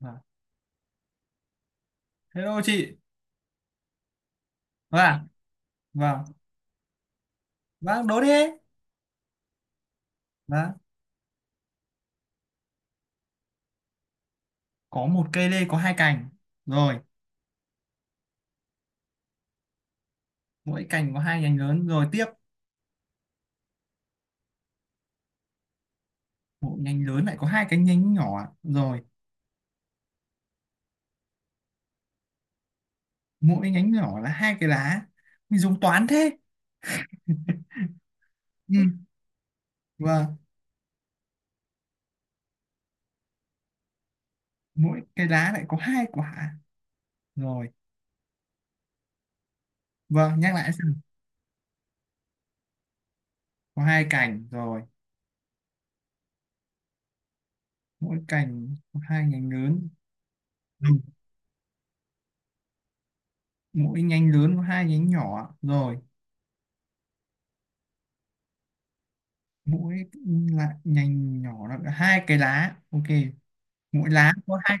Vâng. Hello chị. Vâng, vâng. Vâng, đố đi. Vâng. Có một cây lê có hai cành. Rồi, mỗi cành có hai nhánh lớn. Rồi tiếp, mỗi nhánh lớn lại có hai cái nhánh nhỏ. Rồi, mỗi nhánh nhỏ là hai cái lá. Mình dùng toán thế. Ừ. Vâng, mỗi cái lá lại có hai quả. Rồi, vâng, nhắc lại xem. Có hai cành rồi, mỗi cành có hai nhánh lớn. Ừ. Mỗi nhánh lớn có hai nhánh nhỏ. Rồi, mỗi lại nhánh nhỏ là hai cái lá. Ok, mỗi lá có hai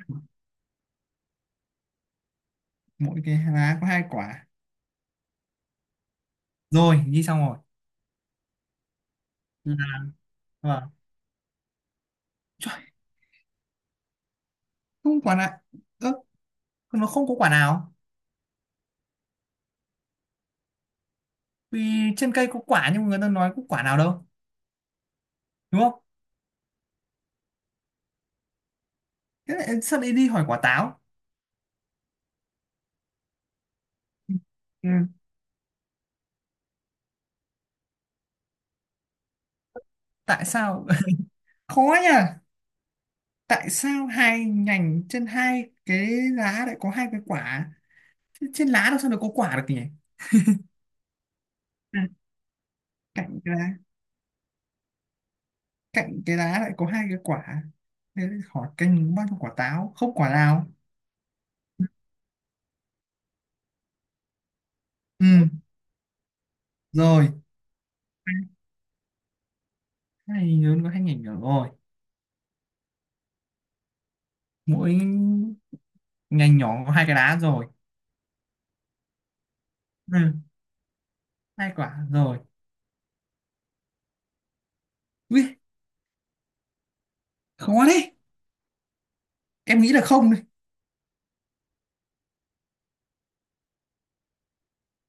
mỗi cái lá có hai quả rồi, ghi xong rồi, là vâng. Trời, không quả nào. Ơ, nó không có quả nào, vì trên cây có quả nhưng mà người ta nói có quả nào đâu, đúng không? Thế lại sao lại đi hỏi quả táo? Ừ, tại sao? Khó nhỉ. Tại sao hai nhành trên hai cái lá lại có hai cái quả? Thế trên lá đâu sao lại có quả được nhỉ? Ừ, cạnh cái lá, cạnh cái lá lại có hai cái quả, thế hỏi canh bao nhiêu quả táo, không quả nào. Ừ, rồi, hai ngành lớn có hai ngành nhỏ rồi. Mỗi ngành nhỏ có hai cái đá rồi. Ừ, hai quả rồi. Ui, khó đấy. Em nghĩ là không đấy.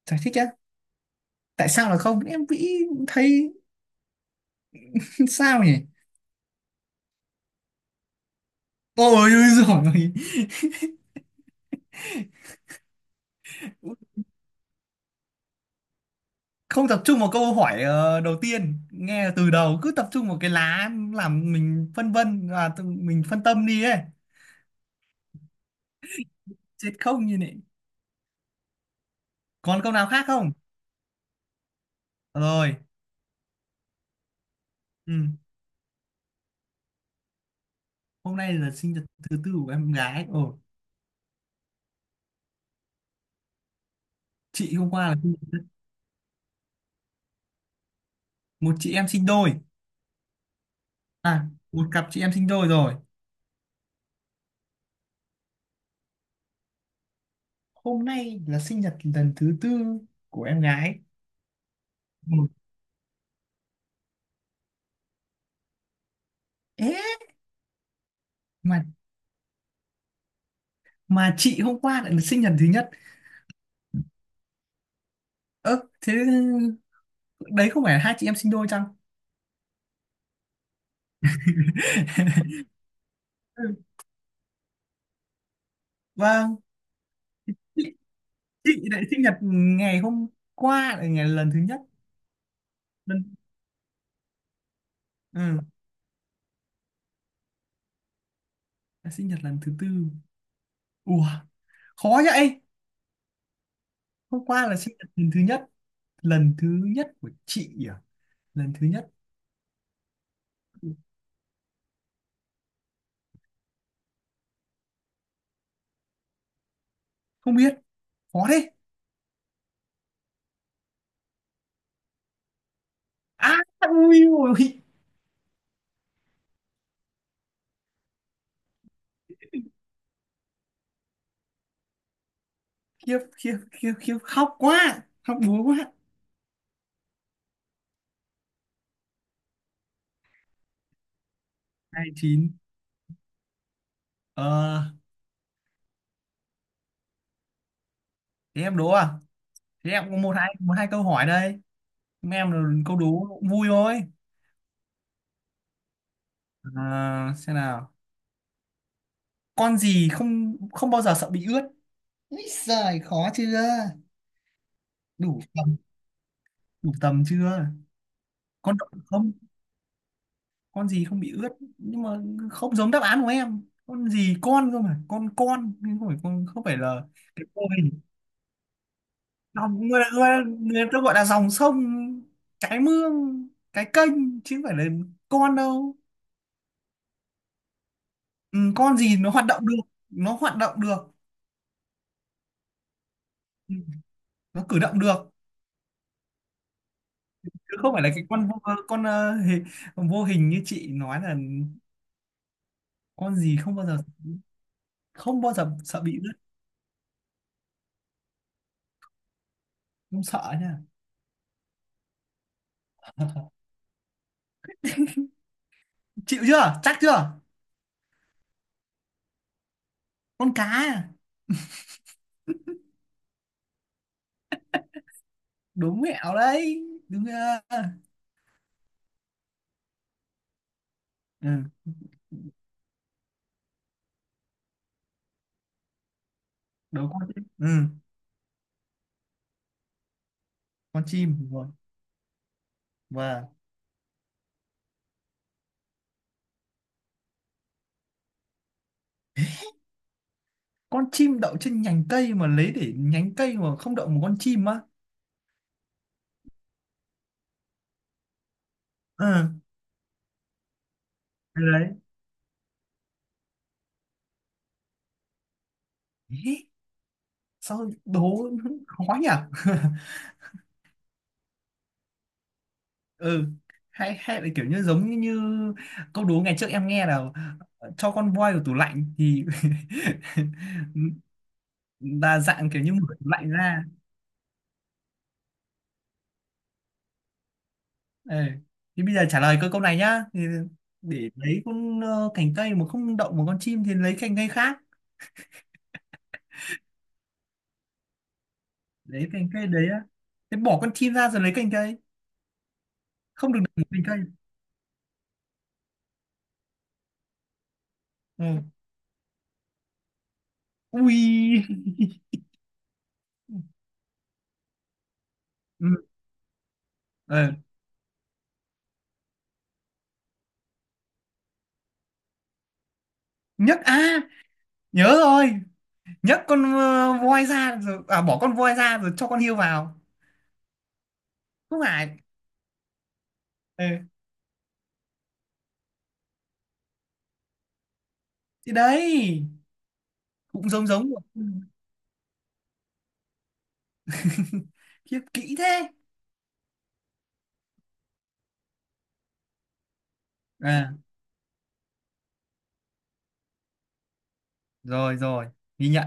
Giải thích á? Tại sao là không, em nghĩ thấy. Sao nhỉ? Ôi rồi, không tập trung vào câu hỏi. Ờ, Đầu tiên nghe từ đầu cứ tập trung vào cái lá làm mình phân vân và mình phân tâm đi ấy. Chết không như này. Còn câu nào khác không? Rồi. Ừ, hôm nay là sinh nhật thứ tư của em gái. Ồ, chị hôm qua là một chị em sinh đôi. À, một cặp chị em sinh đôi rồi. Hôm nay là sinh nhật lần thứ tư của em gái. Ừ, ế. mà mà chị hôm qua lại là sinh nhật thứ nhất. Ơ, thế đấy không phải là hai chị em sinh đôi chăng? Ừ, vâng. chị, chị lại sinh nhật ngày hôm qua là ngày lần thứ nhất. Lần. Ừ, là sinh nhật lần thứ tư. Ủa, khó vậy. Hôm qua là sinh nhật lần thứ nhất, lần thứ nhất của chị à? Lần thứ nhất. Không biết. Khó thế. À, ui ôi. Khiếp khiếp khiếp khiếp, khóc quá, khóc búa quá. Hai chín. Ờ, thế em đố à? Thế em có một hai câu hỏi đây. Mấy em là câu đố cũng vui thôi. À, xem nào. Con gì không không bao giờ sợ bị ướt? Úi giời, khó chưa? Đủ tầm? Đủ tầm chưa? Con động vật không? Con gì không bị ướt? Nhưng mà không giống đáp án của em. Con gì, con cơ mà, con, nhưng không phải con, không phải là cái cô. Dòng người, người ta gọi là dòng sông, cái mương, cái kênh chứ không phải là con đâu. Ừ, con gì nó hoạt động được, nó hoạt động được. Ừ, nó cử động được, chứ không phải là cái con vô, con ờ, hề- vô hình như chị nói là. Con gì không bao giờ, không bao giờ sợ bị rớt. Không sợ nha. Chịu chưa, chắc chưa? Con cá à? Đúng mẹo đấy. Đúng chưa? Ừ, đúng con chim. Ừ, con chim rồi. Vâng. Con chim đậu trên nhánh cây mà lấy để nhánh cây mà không đậu một con chim á? Ừ đấy. Ý, sao đố. Khó nhỉ. Ừ, hay hay là kiểu như giống như, câu đố ngày trước em nghe là cho con voi vào tủ lạnh thì là dạng kiểu như mở tủ lạnh ra. Ừ, thì bây giờ trả lời câu câu này nhá. Thì để lấy cành cây mà không động một con chim thì lấy cành cây khác. Lấy cành cây đấy á? Thế bỏ con chim ra rồi lấy cành cây, không được động một cành cây. Ừ. Ui. Ừ. Ờ, Nhất à, nhớ rồi. Nhất con voi ra rồi, à bỏ con voi ra rồi cho con hươu vào. Không phải. Ừ, thì đấy cũng giống giống. Ừ. Khiếp kỹ thế. À rồi rồi, ghi nhận.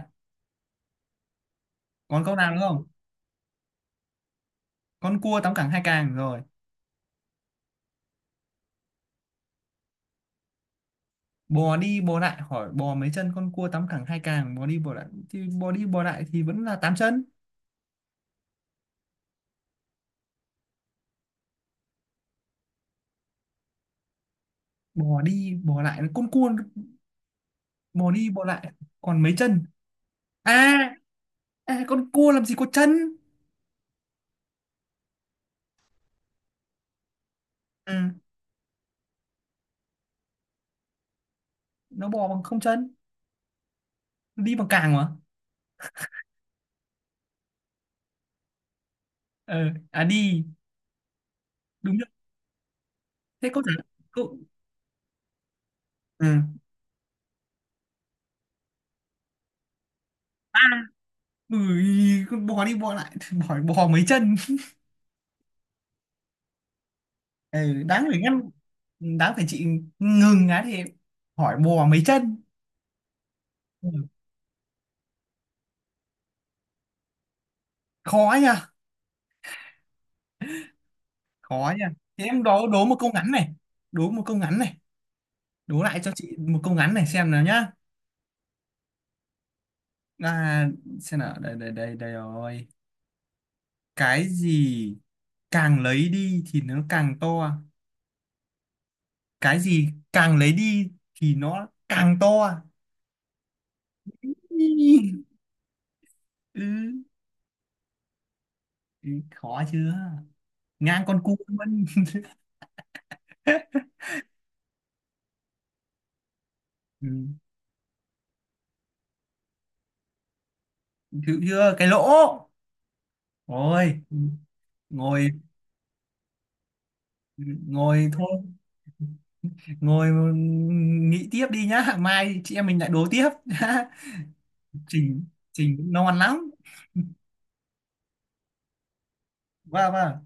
Còn câu nào nữa không? Con cua tám cẳng hai càng rồi. Bò đi bò lại hỏi bò mấy chân? Con cua tám cẳng hai càng, bò đi bò lại thì bò đi bò lại thì vẫn là tám chân. Bò đi bò lại, con cua bò đi bò lại còn mấy chân? À à, con cua làm gì có chân. Ừ, nó bò bằng không chân, đi bằng càng mà. Ờ, à đi, đúng rồi. Thế câu trả, câu. Ừ. Ui, con bò đi bò lại hỏi bò mấy chân. Ừ, đáng phải ngăn, đáng phải chị ngừng á thì hỏi bò mấy chân. Ừ, khó nha, khó nha. Thế em đố đố một câu ngắn này, đố một câu ngắn này, đố lại cho chị một câu ngắn này xem nào nhá. À, xem nào. Đây đây đây đây rồi. Cái gì càng lấy đi thì nó càng to? Cái gì càng lấy đi thì nó càng to? Ừ. Ừ, ý, khó chưa? Ngang con cua luôn. Ừ. Chịu chưa? Cái lỗ. Rồi, ngồi, ngồi thôi, ngồi. Ừ, nghĩ tiếp đi nhá, mai chị em mình lại đố tiếp. Trình, trình nó ngoan lắm. Vâng vâng.